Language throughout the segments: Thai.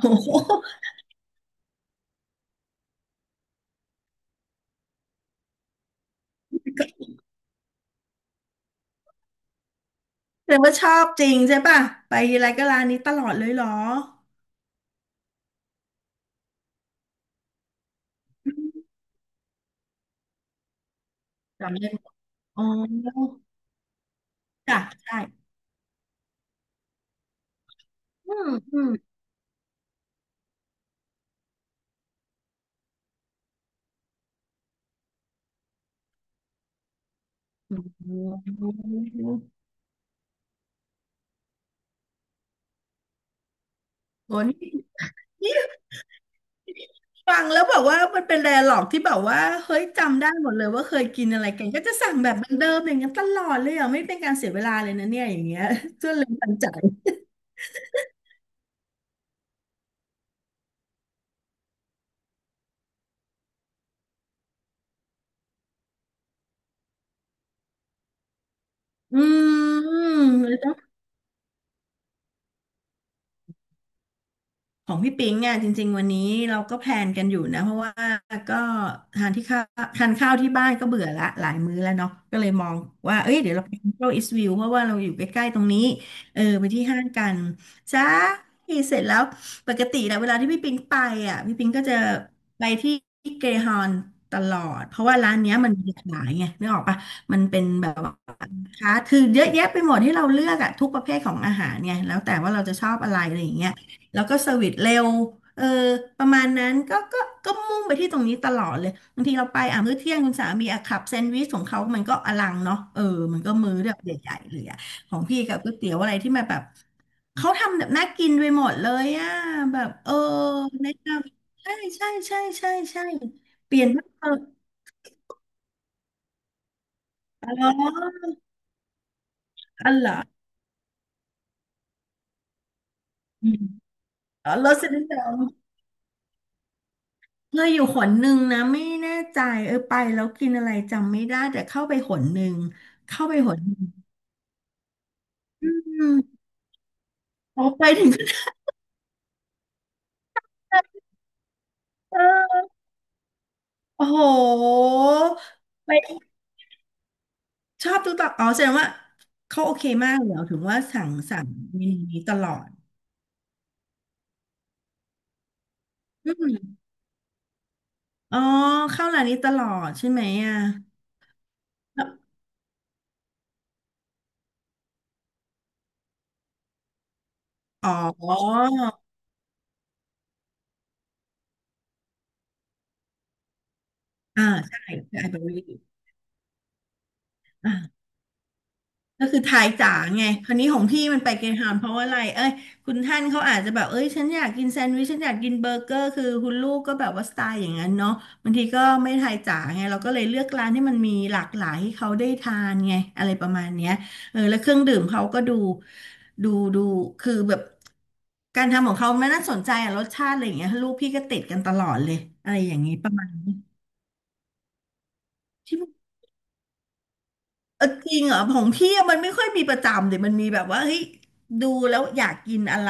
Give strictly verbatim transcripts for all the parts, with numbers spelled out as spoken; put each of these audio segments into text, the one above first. โอ้โหแสดงว่าชอบจริงใช่ป่ะไปทีไรก็ร้านนี้ตลอดเลยเหรอจำได้หมดอ๋อจ้ะใช่อืมอืมอืมโอ้นี่นี่ฟังแล้วแบบว่ามันเป็น d ด a l ล g อกที่แบบว่าเฮ้ยจำได้หมดเลยว่าเคยกินอะไรกันก็จะสั่งแบบเหมือนเดิมอย่างนั้นตลอดเลยอ่ะไม่เป็นการเสียเวลาเลยนะเนี่ยอย่างเงี้ย จนเลยตันใจอืม ของพี่ปิงอ่ะจริงๆวันนี้เราก็แพลนกันอยู่นะเพราะว่าก็ทานที่ข้าวทานข้าวที่บ้านก็เบื่อละหลายมื้อแล้วเนาะก็เลยมองว่าเอ้ยเดี๋ยวเราไปเที่ยวอิสวิวเพราะว่าเราอยู่ใกล้ๆตรงนี้เออไปที่ห้างกันจ้าเสร็จแล้วปกติแล้วเวลาที่พี่ปิงไปอ่ะพี่ปิงก็จะไปที่เกรฮอนตลอดเพราะว่าร้านเนี้ยมันมีขายไงนึกออกปะมันเป็นแบบ ค่ะคือเยอะแยะไปหมดที่เราเลือกอะทุกประเภทของอาหารเนี่ยแล้วแต่ว่าเราจะชอบอะไรอะไรอย่างเงี้ยแล้วก็เซอร์วิสเร็วเออประมาณนั้นก็ก็ก็มุ่งไปที่ตรงนี้ตลอดเลยบางทีเราไปอ่ะมื้อเที่ยงคุณสามีอ่ะขับแซนด์วิชของเขามันก็อลังเนาะเออมันก็มื้อแบบใหญ่ๆเลยอะของพี่กับก๋วยเตี๋ยวอะไรที่มาแบบเขาทำแบบน่ากินไปหมดเลยอะแบบเออแนะนำใช่ใช่ใช่ใช่ใช่เปลี่ยนบ้างเออะอ๋ออ๋อเหรออืมอ๋อรสนิยม เคยอยู่หนหนึ่งนะไม่แน่ใจเออไปแล้วกินอะไรจำไม่ได้แต่เข้าไปหนหนึ่งเข้าไปหนหนึ่งอืมโอ้ไปถึงก็ได้เออโอ้โหไปชอบทุกตอนอ๋อแสดงว่าเขาโอเคมากเลยเหรอถึงว่าสั่งสั่งเมนูนี้ตลอดอืมอ๋อเข้าร้านนี้ตลอดใช่ไหมอ่ะแล้วอ๋ออ่าใช่ใช่ไอเบอรี่ ก็คือทายจ๋าไงคราวนี้ของพี่มันไปเกรฮาวนด์เพราะว่าอะไรเอ้ยคุณท่านเขาอาจจะแบบ เอ้ยฉันอยากกินแซนด์วิชฉันอยากกินเบอร์เกอร์คือคุณลูกก็แบบว่าสไตล์อย่างนั้นเนาะบางทีก็ไม่ทายจ๋าไง เราก็เลยเลือกร้านที่มันมีหลากหลายให้เขาได้ทานไงอะไรประมาณเนี้ยเออแล้วเครื่องดื่มเขาก็ดูดูดูคือแบบการทำของเขามันน่าสนใจอะรสชาติอะไรอย่างเงี้ยลูกพี่ก็ติดกันตลอดเลยอะไรอย่างงี้ประมาณนี้ เออจริงเหรอของพี่อะมันไม่ค่อยมีประจำเดี๋ยวมันมีแบบว่าเฮ้ยดูแล้วอยากกินอะไร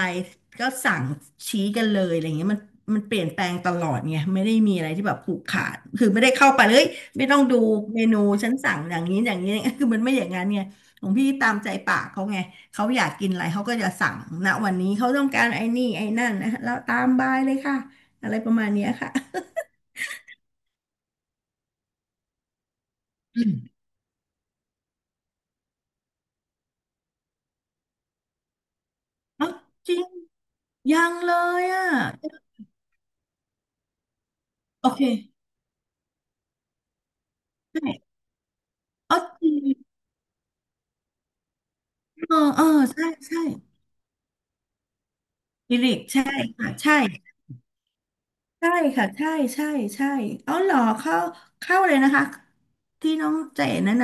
ก็สั่งชี้กันเลยอะไรเงี้ยมันมันเปลี่ยนแปลงตลอดไงไม่ได้มีอะไรที่แบบผูกขาดคือไม่ได้เข้าไปเลยไม่ต้องดูเมนูฉันสั่งอย่างนี้อย่างนี้ คือมันไม่อย่างนั้นไงของพี่ตามใจปากเขาไงเขาอยากกินอะไรเขาก็จะสั่งณวันนี้เขาต้องการไอ้นี่ไอ้นั่นนะแล้วตามบายเลยค่ะอะไรประมาณเนี้ยค่ะเอ้าจริงยังเลยอ่ะโอเคใช่อ๋อจริง เออเออใช่ใช่ฮิริกใช่ค่ะใช่ใช่ค่ะใช่ใช่ ใช่เอาเหรอเข้าเข้าเลยนะคะที่น้องเจ๋แนะ น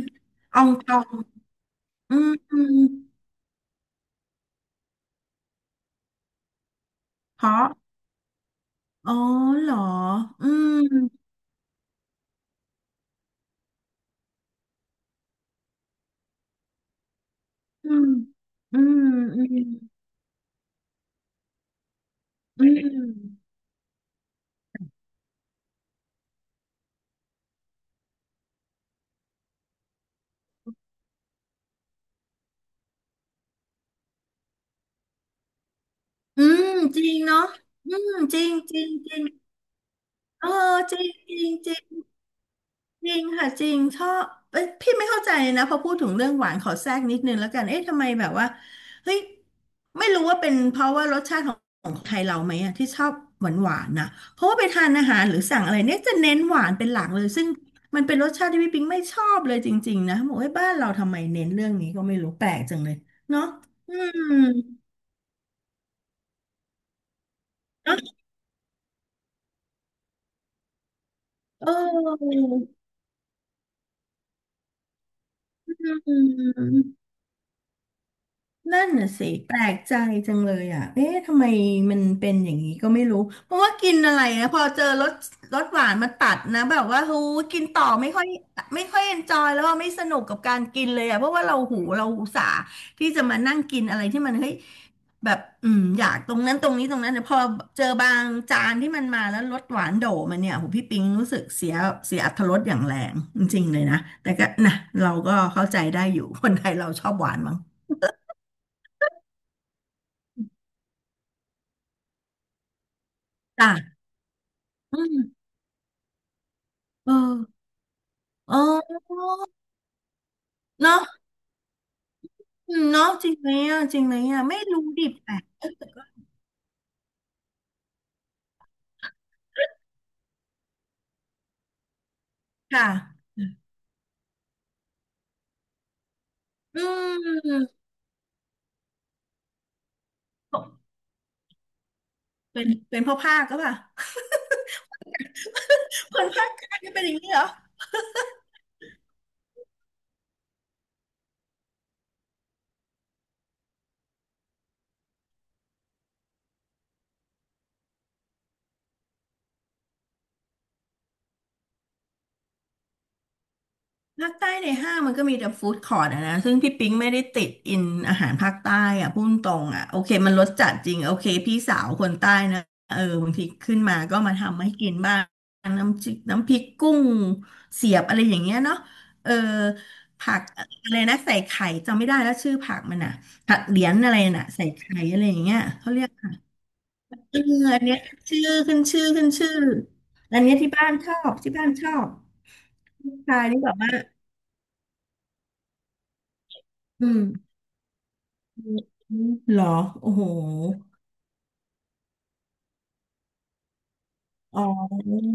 ำอองตองอืมอืมเพราะอ๋อเหรออืมอืมอืมอืมอืมอืมจริงเนาะอืมจริง จริง จริงเออจริงจริงจริง จริงค่ะจริงชอบเอ้ยพี่ไม่เข้าใจนะพอพูดถึงเรื่องหวานขอแทรกนิดนึงแล้วกันเอ๊ะทำไมแบบว่าเฮ้ยไม่รู้ว่าเป็นเพราะว่ารสชาติของของไทยเราไหมอะที่ชอบหวานหวานนะเพราะว่าไปทานอาหารหรือสั่งอะไรเนี่ยจะเน้นหวานเป็นหลักเลยซึ่งมันเป็นรสชาติที่พี่ปิงไม่ชอบเลยจริงๆนะบอกว่าบ้านเราทำไมเน้นเรื่องนี้ก็ไม่รู้แปลกจังเลยเนาะอืมเนาะเอออืม นั่นน่ะสิแปลกใจจังเลยอ่ะเอ๊ะทำไมมันเป็นอย่างนี้ก็ไม่รู้เพราะว่ากินอะไรนะพอเจอรสรสหวานมาตัดนะแบบว่าหูกินต่อไม่ค่อยไม่ค่อยเอนจอยแล้วว่าไม่สนุกกับการกินเลยอ่ะเพราะว่าเราหูเราอุตส่าห์ที่จะมานั่งกินอะไรที่มันเฮ้ยแบบอืมอยากตรงนั้นตรงนี้ตรงนั้นแต่พอเจอบางจานที่มันมาแล้วรสหวานโดมันเนี่ยหูพี่ปิงรู้สึกเสียเสียอรรถรสอย่างแรงจริงๆเลยนะแต่ก็นะเราก็เข้าใจได้อยู่คนไทยเราชอบหวานมั้งจ้า อืมเออเออเนาะืมเนาะจริงไหมอ่ะจริงไหมอ่ะไม่รู้ดิบแปลกค่ะอืมเป็นเป็นพ่อภาคก็ปล่ะ คนภาค กลางนี่เป็นอย่างนี้เหรอ ภาคใต้ในห้างมันก็มีแต่ฟู้ดคอร์ทอะนะซึ่งพี่ปิ๊งไม่ได้ติดอินอาหารภาคใต้อะพูดตรงอะโอเคมันรสจัดจริงโอเคพี่สาวคนใต้นะเออบางทีขึ้นมาก็มาทำให้กินบ้างน้ำจิกน้ำพริกกุ้งเสียบอะไรอย่างเงี้ยเนาะเออผักอะไรนะใส่ไข่จำไม่ได้แล้วชื่อผักมันอะผักเหรียญอะไรน่ะใส่ไข่อะไรอย่างเงี้ยเขาเรียกผักเอออันเนี้ยชื่อขึ้นชื่อขึ้นชื่ออันเนี้ยที่บ้านชอบที่บ้านชอบลูกชายนี่แบบว่าอืม เหรอโอ้โหอ๋อ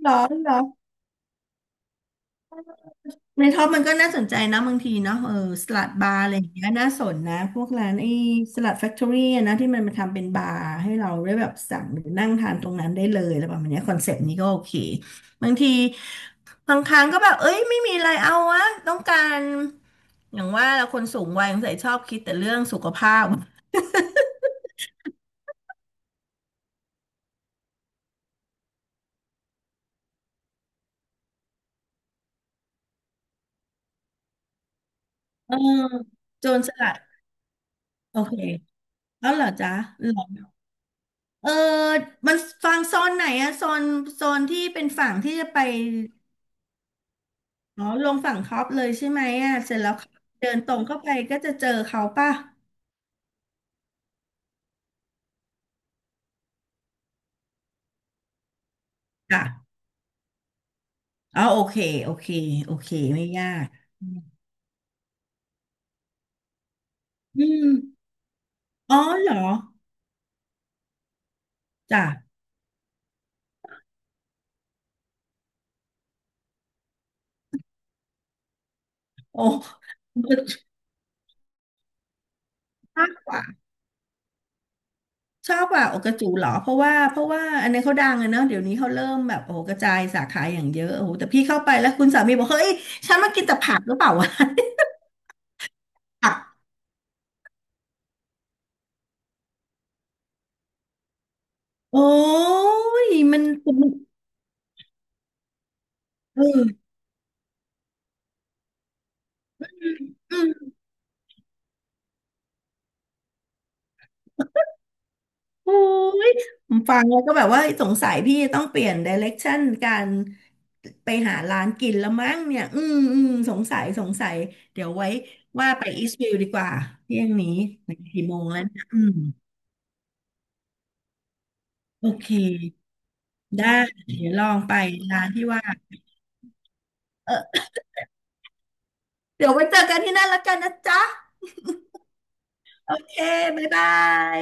เหรอเหรอ ในท็อปมันก็น่าสนใจนะบางทีเนาะเออสลัดบาร์อะไรอย่างเงี้ยน่าสนนะ พวกร้านไอ้สลัดแฟคทอรี่นะที่มันมาทำเป็นบาร์ให้เราได้แบบสั่งหรือนั่งทานตรงนั้นได้เลยอะไรประมาณเนี้ยคอนเซปต์นี้ก็โอเคบางทีบางครั้งก็แบบเอ้ยไม่มีอะไรเอาวะต้องการ อย่างว่าเราคนสูงวัยสงสัยชอบคิดแต่เรื่องสุขภาพเออโจรสลัดโอเคแล้วเหรอจ๊ะเหรอ เออมันฟังโซนไหนอะโซนโซนที่เป็นฝั่งที่จะไปอ๋อลงฝั่งคอปเลยใช่ไหมอะเสร็จแล้วเดินตรงเข้าไปก็จะเจอเขาป่ะค่ะอ๋อโอเคโอเคโอเคไม่ยากอืมอ๋อเหรอจ้ะโอ้ชอบกว่าชอบกว่าโอกระจูเหรอเพราะว่าเพราะว่าอันนี้เขาดังอะเนาะเดี๋ยวนี้เขาเริ่มแบบโอ้โหกระจายสาขาอย่างเยอะโอ้โหแต่พี่เข้าไปแล้วคุณสามีบอกเฮ้ยฉันมากินแต่ผักหรือเปล่าวะ โอ้ยมันมันเอออืมโอ้ยผมฟังแล้วก็แบบว่าสงสัยพี่ต้องเปลี่ยนไดเ r ็กชั่นการไปหาร้านกินแล้วมั้งเนี่ยอืมอืมสงสัยสงสัยเดี๋ยวไว้ว่าไปอีสต์วิวดีกว่าเที่ยงนี้กี่โมงแล้วนะอืมโอเคได้เดี๋ยวลองไปร้านที่ว่าเออเดี๋ยวไว้เจอกันที่นั่นแล้วกันนะจ๊ะโอเคบ๊ายบาย